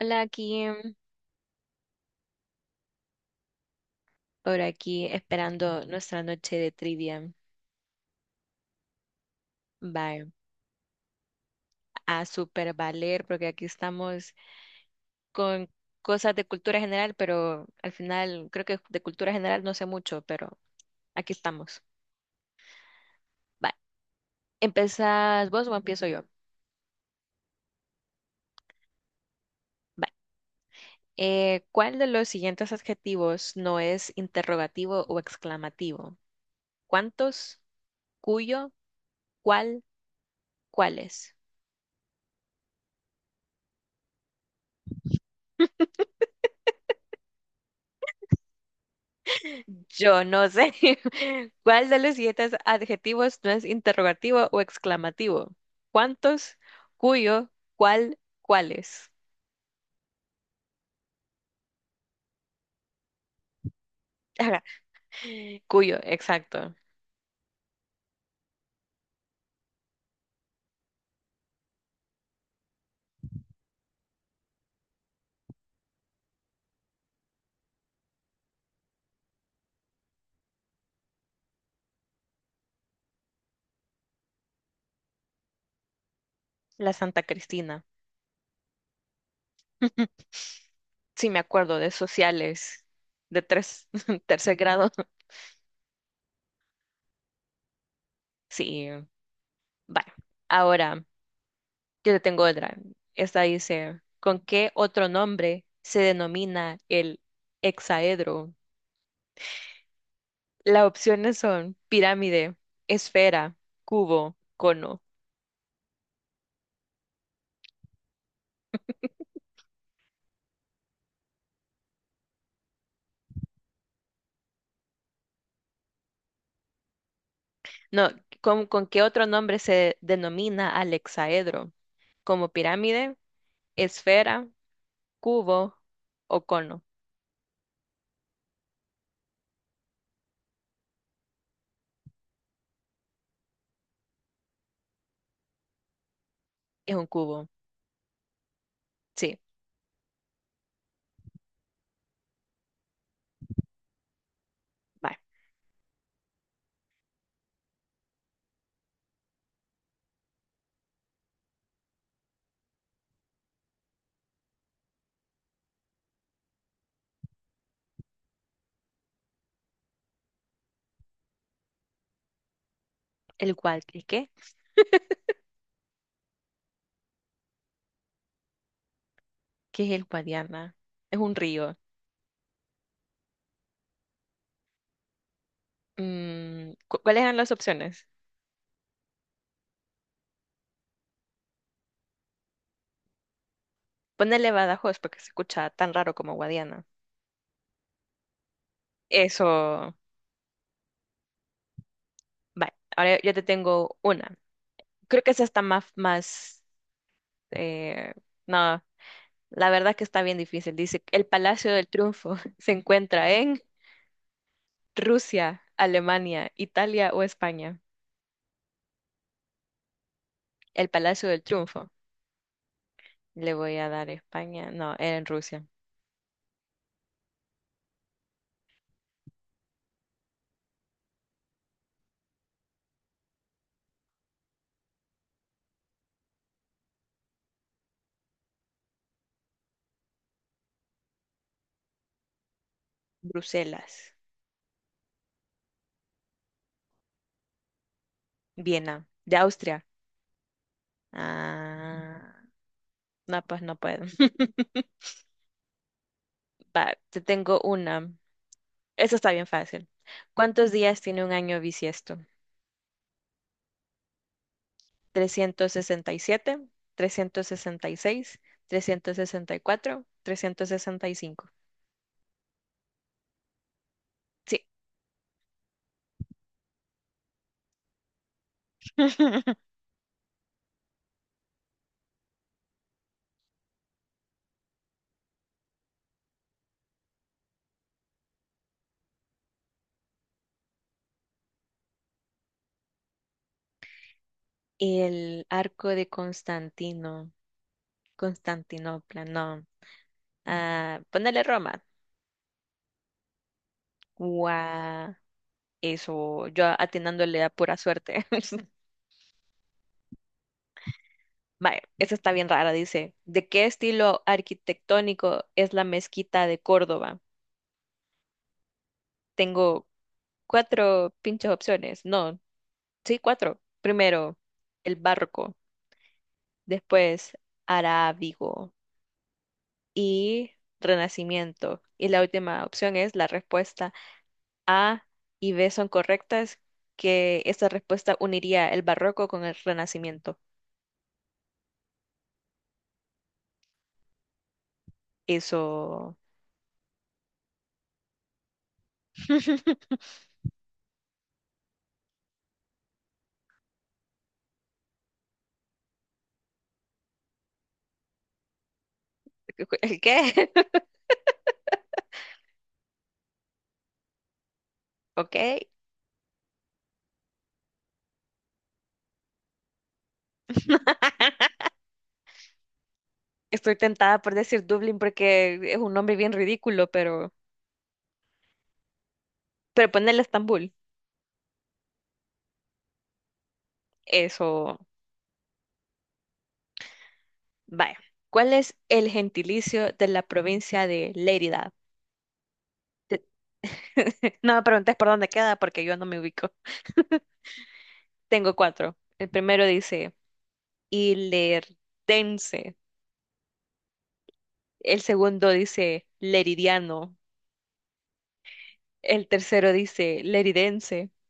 Hola, aquí por aquí esperando nuestra noche de trivia. Va a super valer porque aquí estamos con cosas de cultura general, pero al final creo que de cultura general no sé mucho, pero aquí estamos. Va, ¿empezás vos o empiezo yo? Va. ¿Cuál de los siguientes adjetivos no es interrogativo o exclamativo? ¿Cuántos? ¿Cuyo? ¿Cuál? ¿Cuáles? Yo no sé. ¿Cuál de los siguientes adjetivos no es interrogativo o exclamativo? ¿Cuántos? ¿Cuyo? ¿Cuál? ¿Cuáles? Ajá, cuyo, exacto. La Santa Cristina. Sí, me acuerdo de sociales de tercer grado. Sí, vale. Ahora, yo te tengo otra. Esta dice, ¿con qué otro nombre se denomina el hexaedro? Las opciones son pirámide, esfera, cubo, cono. No, ¿con qué otro nombre se denomina al hexaedro? Como pirámide, esfera, cubo o cono. Es un cubo. Sí, va. El cual, ¿y qué? ¿Qué es el Guadiana? Es un río. ¿Cuáles eran las opciones? Ponele Badajoz porque se escucha tan raro como Guadiana. Eso, va. Ahora yo te tengo una. Creo que esa está más. Eh, no, la verdad que está bien difícil. Dice, el Palacio del Triunfo se encuentra en Rusia, Alemania, Italia o España. El Palacio del Triunfo. Le voy a dar España. No, era en Rusia. Bruselas, Viena, de Austria. Ah, no, pues no puedo. Va, te tengo una. Esa está bien fácil. ¿Cuántos días tiene un año bisiesto? trescientos trescientos trescientos sesenta y siete, seis, cuatro. 365. Sí. El arco de Constantino, Constantinopla, no. Ah, ponele Roma. Guau. Eso, yo atinándole a pura suerte. Vaya, esa está bien rara, dice. ¿De qué estilo arquitectónico es la mezquita de Córdoba? Tengo cuatro pinches opciones. No, sí, cuatro. Primero, el barroco, después arábigo y Renacimiento. Y la última opción es la respuesta A y B son correctas, que esta respuesta uniría el barroco con el Renacimiento. Eso. ¿El qué? Ok. Estoy tentada por decir Dublín porque es un nombre bien ridículo, pero ponerle Estambul. Eso. Vaya. ¿Cuál es el gentilicio de la provincia de Lérida? No me preguntes por dónde queda porque yo no me ubico. Tengo cuatro. El primero dice ilerdense. El segundo dice leridiano. El tercero dice leridense.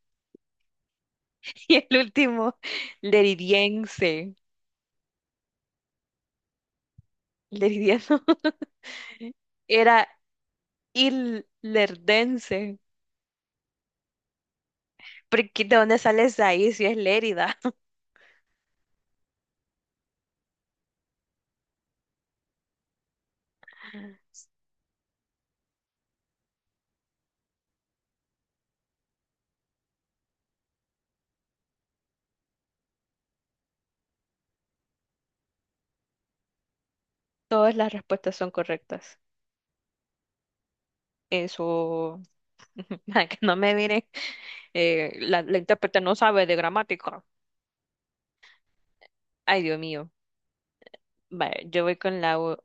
Y el último, leridiense. Leridiano. Era ilerdense. Porque ¿de dónde sales de ahí si es Lérida? Todas las respuestas son correctas. Eso, para que no me miren, la intérprete no sabe de gramática. Ay, Dios mío. Vale, yo voy con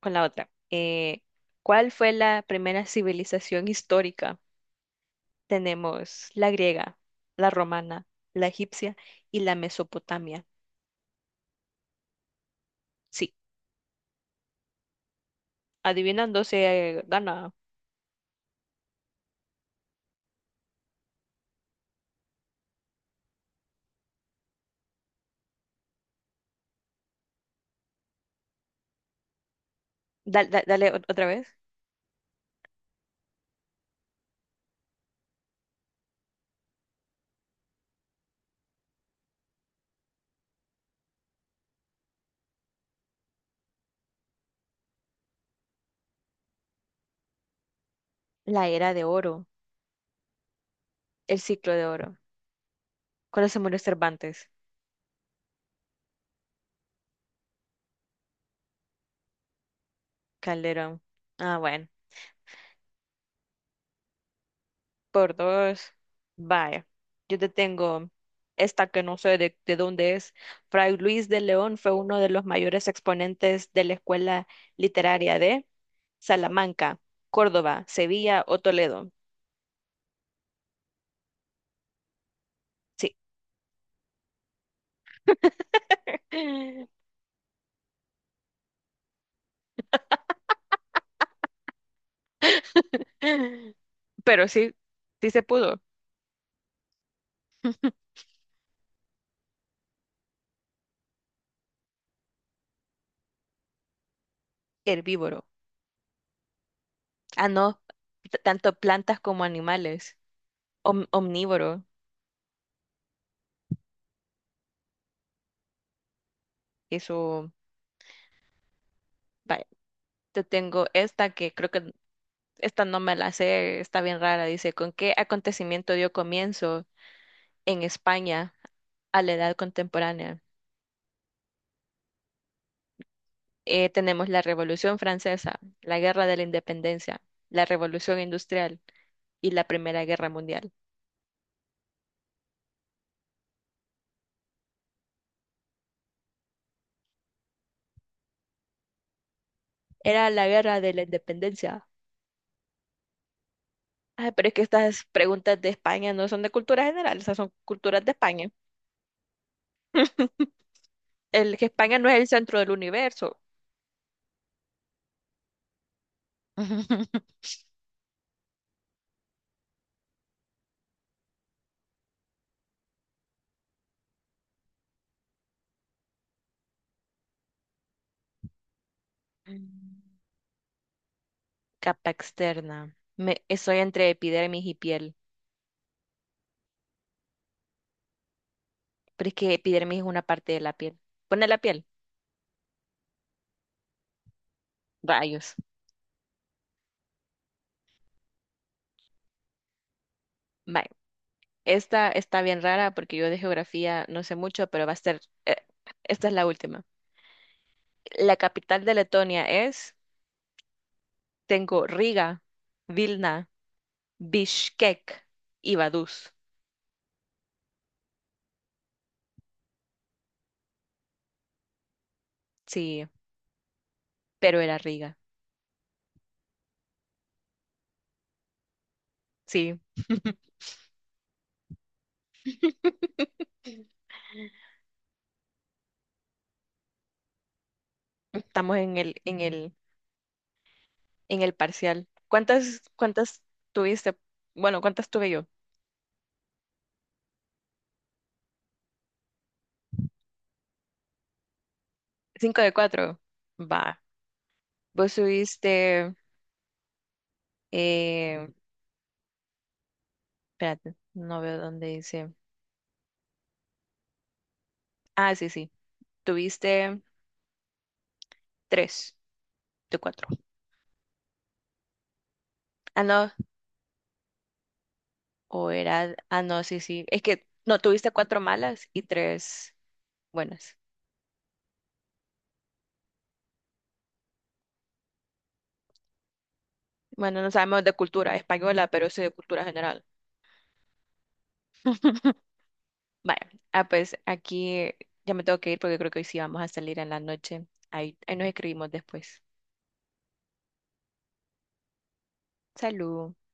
con la otra. ¿Cuál fue la primera civilización histórica? Tenemos la griega, la romana, la egipcia y la Mesopotamia. Sí, adivinando se gana. No. Dale otra vez. La era de oro, el ciclo de oro. ¿Cuándo se murió Cervantes? Calderón. Ah, bueno. Por dos. Vaya, yo te tengo esta que no sé de dónde es. Fray Luis de León fue uno de los mayores exponentes de la escuela literaria de Salamanca, Córdoba, Sevilla o Toledo. Sí. Pero sí, sí se pudo. Herbívoro. Ah, no, tanto plantas como animales. Omnívoro. Eso, vaya. Te tengo esta que creo que. Esta no me la sé, está bien rara. Dice, ¿con qué acontecimiento dio comienzo en España a la edad contemporánea? Tenemos la Revolución Francesa, la Guerra de la Independencia, la Revolución Industrial y la Primera Guerra Mundial. Era la Guerra de la Independencia. Ay, pero es que estas preguntas de España no son de cultura general, esas son culturas de España. El que España no es el centro del universo. Capa externa. Me, estoy entre epidermis y piel. Pero es que epidermis es una parte de la piel. Pone la piel. Rayos. Vaya. Esta está bien rara porque yo de geografía no sé mucho, pero va a ser. Esta es la última. La capital de Letonia es. Tengo Riga, Vilna, Bishkek y Vaduz. Sí, pero era Riga. Sí, estamos en el parcial. ¿Cuántas tuviste? Bueno, ¿cuántas tuve yo? Cinco de cuatro. Va. Vos tuviste. eh, Espérate, no veo dónde dice. Ah, sí, sí. Tuviste tres de cuatro. Ah, no. O era. Ah, no, sí, sí. Es que no, tuviste cuatro malas y tres buenas. Bueno, no sabemos de cultura española, pero sí de cultura general. Vaya. Ah, pues aquí ya me tengo que ir porque creo que hoy sí vamos a salir en la noche. Ahí, ahí nos escribimos después. Salud.